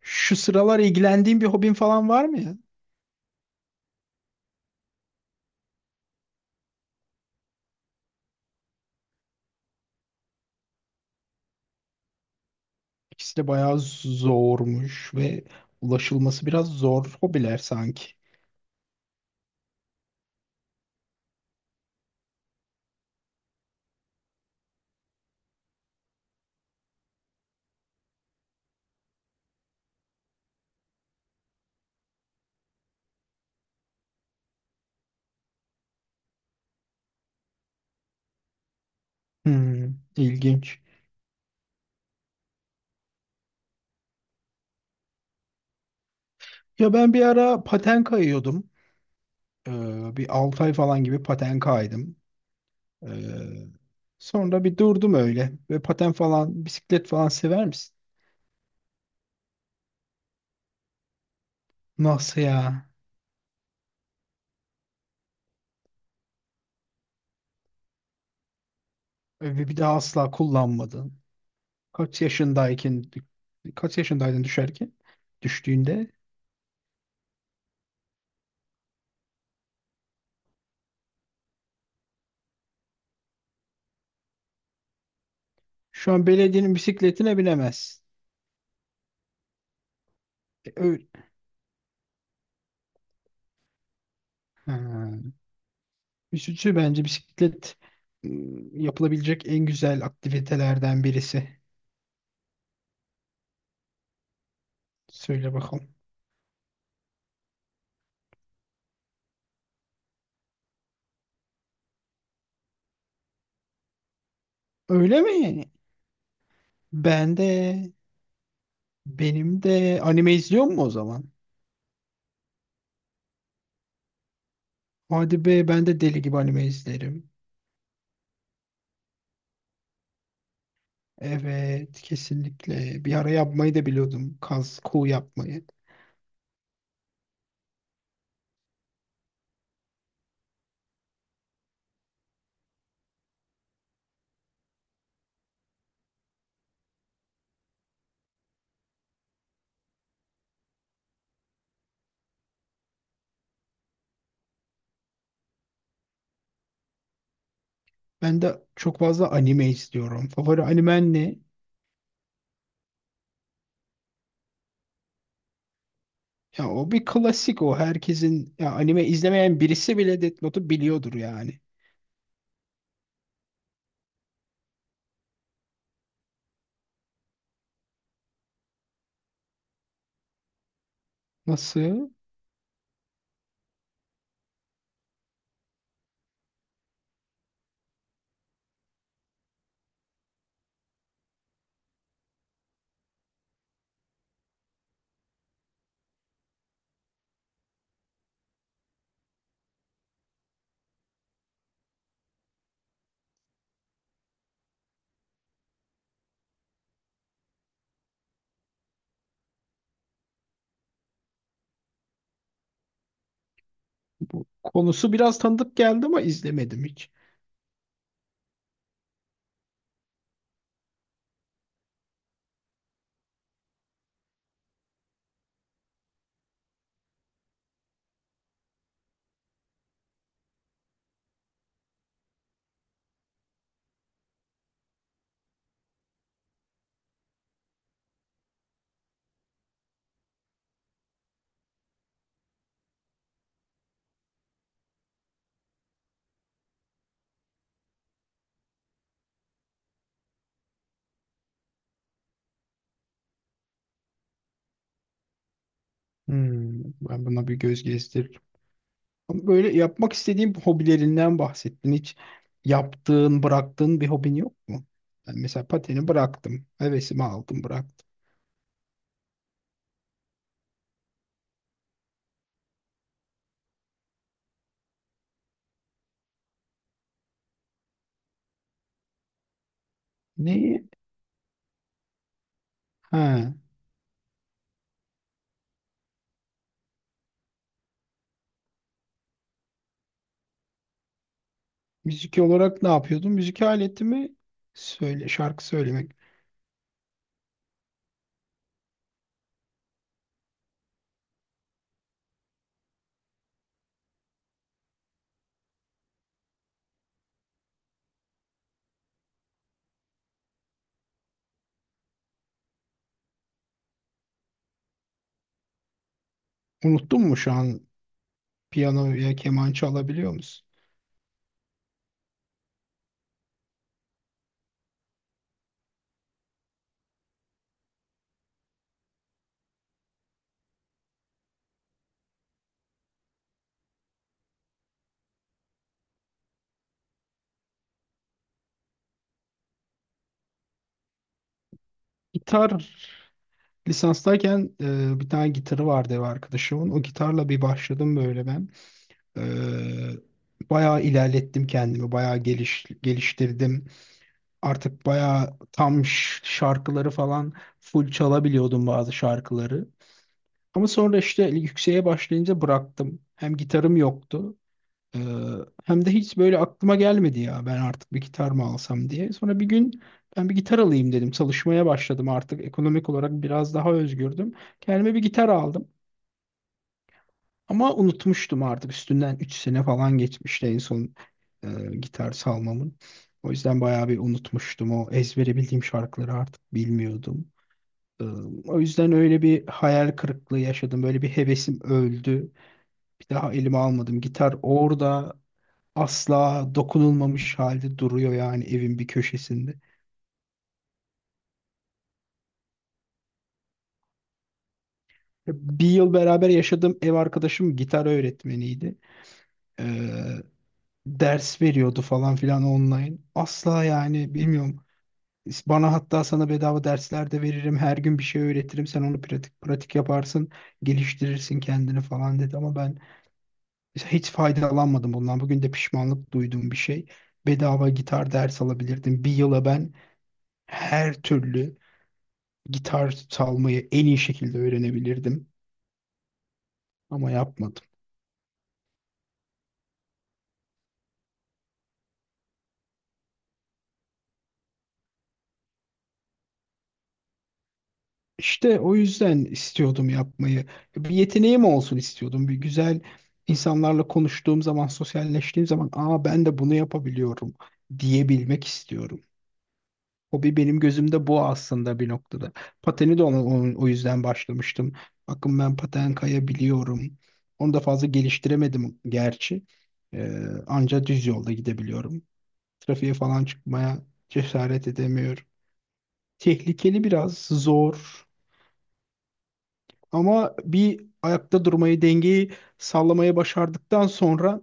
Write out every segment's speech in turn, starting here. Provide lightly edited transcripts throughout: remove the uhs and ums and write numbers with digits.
Şu sıralar ilgilendiğin bir hobin falan var mı ya? İkisi de bayağı zormuş ve ulaşılması biraz zor hobiler sanki. Hmm, ilginç. Ya ben bir ara paten kayıyordum. Bir 6 ay falan gibi paten kaydım. Ee, Sonra bir durdum öyle. Ve paten falan, bisiklet falan sever misin? Nasıl ya? Ve bir daha asla kullanmadın. Kaç yaşındayken, kaç yaşındaydın düşerken? Düştüğünde. Şu an belediyenin bisikletine binemezsin. Öyle. Ha. Üzücü bence bisiklet yapılabilecek en güzel aktivitelerden birisi. Söyle bakalım. Öyle mi? Ben de benim de anime izliyor mu o zaman? Hadi be ben de deli gibi anime izlerim. Evet, kesinlikle. Bir ara yapmayı da biliyordum. Kaz, kuğu yapmayı. Ben de çok fazla anime izliyorum. Favori animen ne? Ya o bir klasik o. Herkesin, ya anime izlemeyen birisi bile Death Note'u biliyordur yani. Nasıl? Konusu biraz tanıdık geldi ama izlemedim hiç. Hmm, ben buna bir göz gezdiririm. Ama böyle yapmak istediğim hobilerinden bahsettin. Hiç yaptığın, bıraktığın bir hobin yok mu? Ben mesela pateni bıraktım. Hevesimi aldım, bıraktım. Neyi? Ha, müzik olarak ne yapıyordum? Müzik aletimi söyle, şarkı söylemek. Unuttun mu şu an piyano ya keman çalabiliyor musun? Gitar lisanstayken bir tane gitarı vardı ev arkadaşımın. O gitarla bir başladım böyle ben. Bayağı ilerlettim kendimi, bayağı geliştirdim. Artık bayağı tam şarkıları falan full çalabiliyordum bazı şarkıları. Ama sonra işte yükseğe başlayınca bıraktım. Hem gitarım yoktu, ee, hem de hiç böyle aklıma gelmedi ya ben artık bir gitar mı alsam diye. Sonra bir gün ben bir gitar alayım dedim. Çalışmaya başladım, artık ekonomik olarak biraz daha özgürdüm. Kendime bir gitar aldım. Ama unutmuştum, artık üstünden 3 sene falan geçmişti en son e, gitar salmamın. O yüzden bayağı bir unutmuştum. O ezbere bildiğim şarkıları artık bilmiyordum. E, O yüzden öyle bir hayal kırıklığı yaşadım. Böyle bir hevesim öldü. Bir daha elime almadım. Gitar orada asla dokunulmamış halde duruyor yani evin bir köşesinde. E, Bir yıl beraber yaşadığım ev arkadaşım gitar öğretmeniydi. E, Ders veriyordu falan filan online. Asla yani bilmiyorum. Bana hatta, sana bedava dersler de veririm. Her gün bir şey öğretirim. Sen onu pratik pratik yaparsın. Geliştirirsin kendini falan dedi. Ama ben hiç faydalanmadım bundan. Bugün de pişmanlık duyduğum bir şey. Bedava gitar ders alabilirdim. Bir yıla ben her türlü gitar çalmayı en iyi şekilde öğrenebilirdim. Ama yapmadım. İşte o yüzden istiyordum yapmayı. Bir yeteneğim olsun istiyordum. Bir güzel, insanlarla konuştuğum zaman, sosyalleştiğim zaman, aa ben de bunu yapabiliyorum diyebilmek istiyorum. Hobi benim gözümde bu aslında bir noktada. Pateni de ona, o yüzden başlamıştım. Bakın ben paten kayabiliyorum. Onu da fazla geliştiremedim gerçi. Ee, Anca düz yolda gidebiliyorum. Trafiğe falan çıkmaya cesaret edemiyorum. Tehlikeli biraz, zor. Ama bir ayakta durmayı, dengeyi sallamayı başardıktan sonra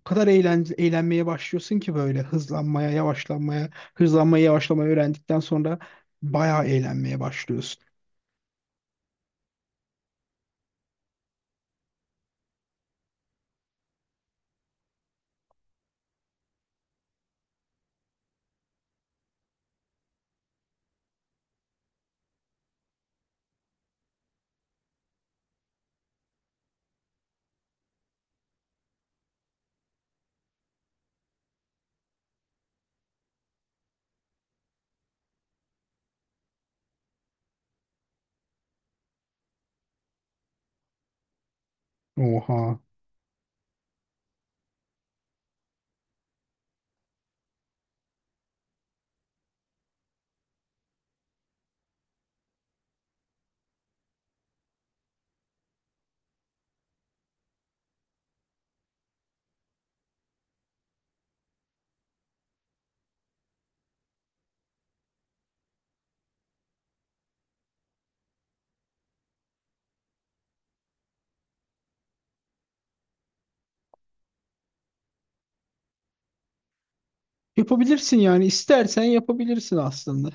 o kadar eğlenmeye başlıyorsun ki böyle hızlanmaya, yavaşlanmaya, hızlanmayı, yavaşlamayı öğrendikten sonra bayağı eğlenmeye başlıyorsun. Oha. Yapabilirsin yani, istersen yapabilirsin aslında.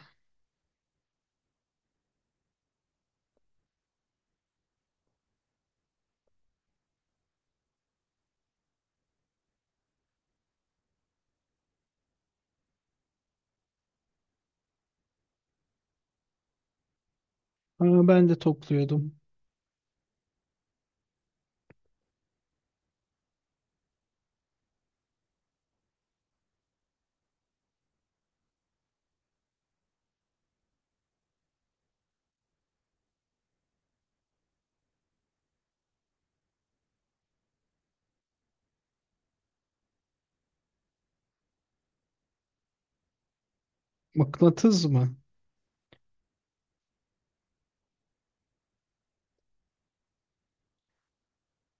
Aa, ben de topluyordum. Mıknatıs mı?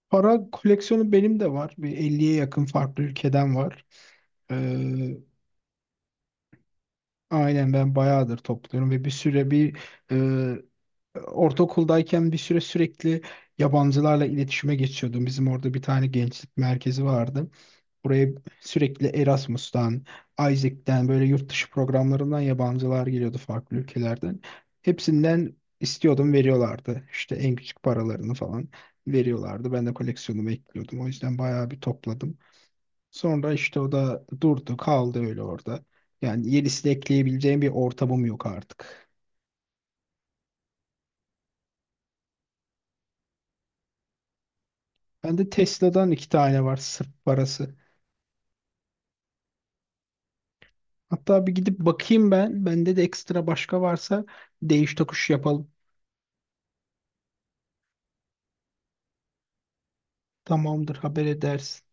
Para koleksiyonu benim de var. Bir 50'ye yakın farklı ülkeden var. Ee, aynen, ben bayağıdır topluyorum ve bir süre e, ortaokuldayken bir süre sürekli yabancılarla iletişime geçiyordum. Bizim orada bir tane gençlik merkezi vardı. Buraya sürekli Erasmus'tan, Isaac'ten böyle yurt dışı programlarından yabancılar geliyordu farklı ülkelerden. Hepsinden istiyordum, veriyorlardı. İşte en küçük paralarını falan veriyorlardı. Ben de koleksiyonumu ekliyordum. O yüzden bayağı bir topladım. Sonra işte o da durdu kaldı öyle orada. Yani yenisi de ekleyebileceğim bir ortamım yok artık. Bende Tesla'dan iki tane var sırf parası. Hatta bir gidip bakayım ben. Bende de ekstra başka varsa değiş tokuş yapalım. Tamamdır, haber edersin.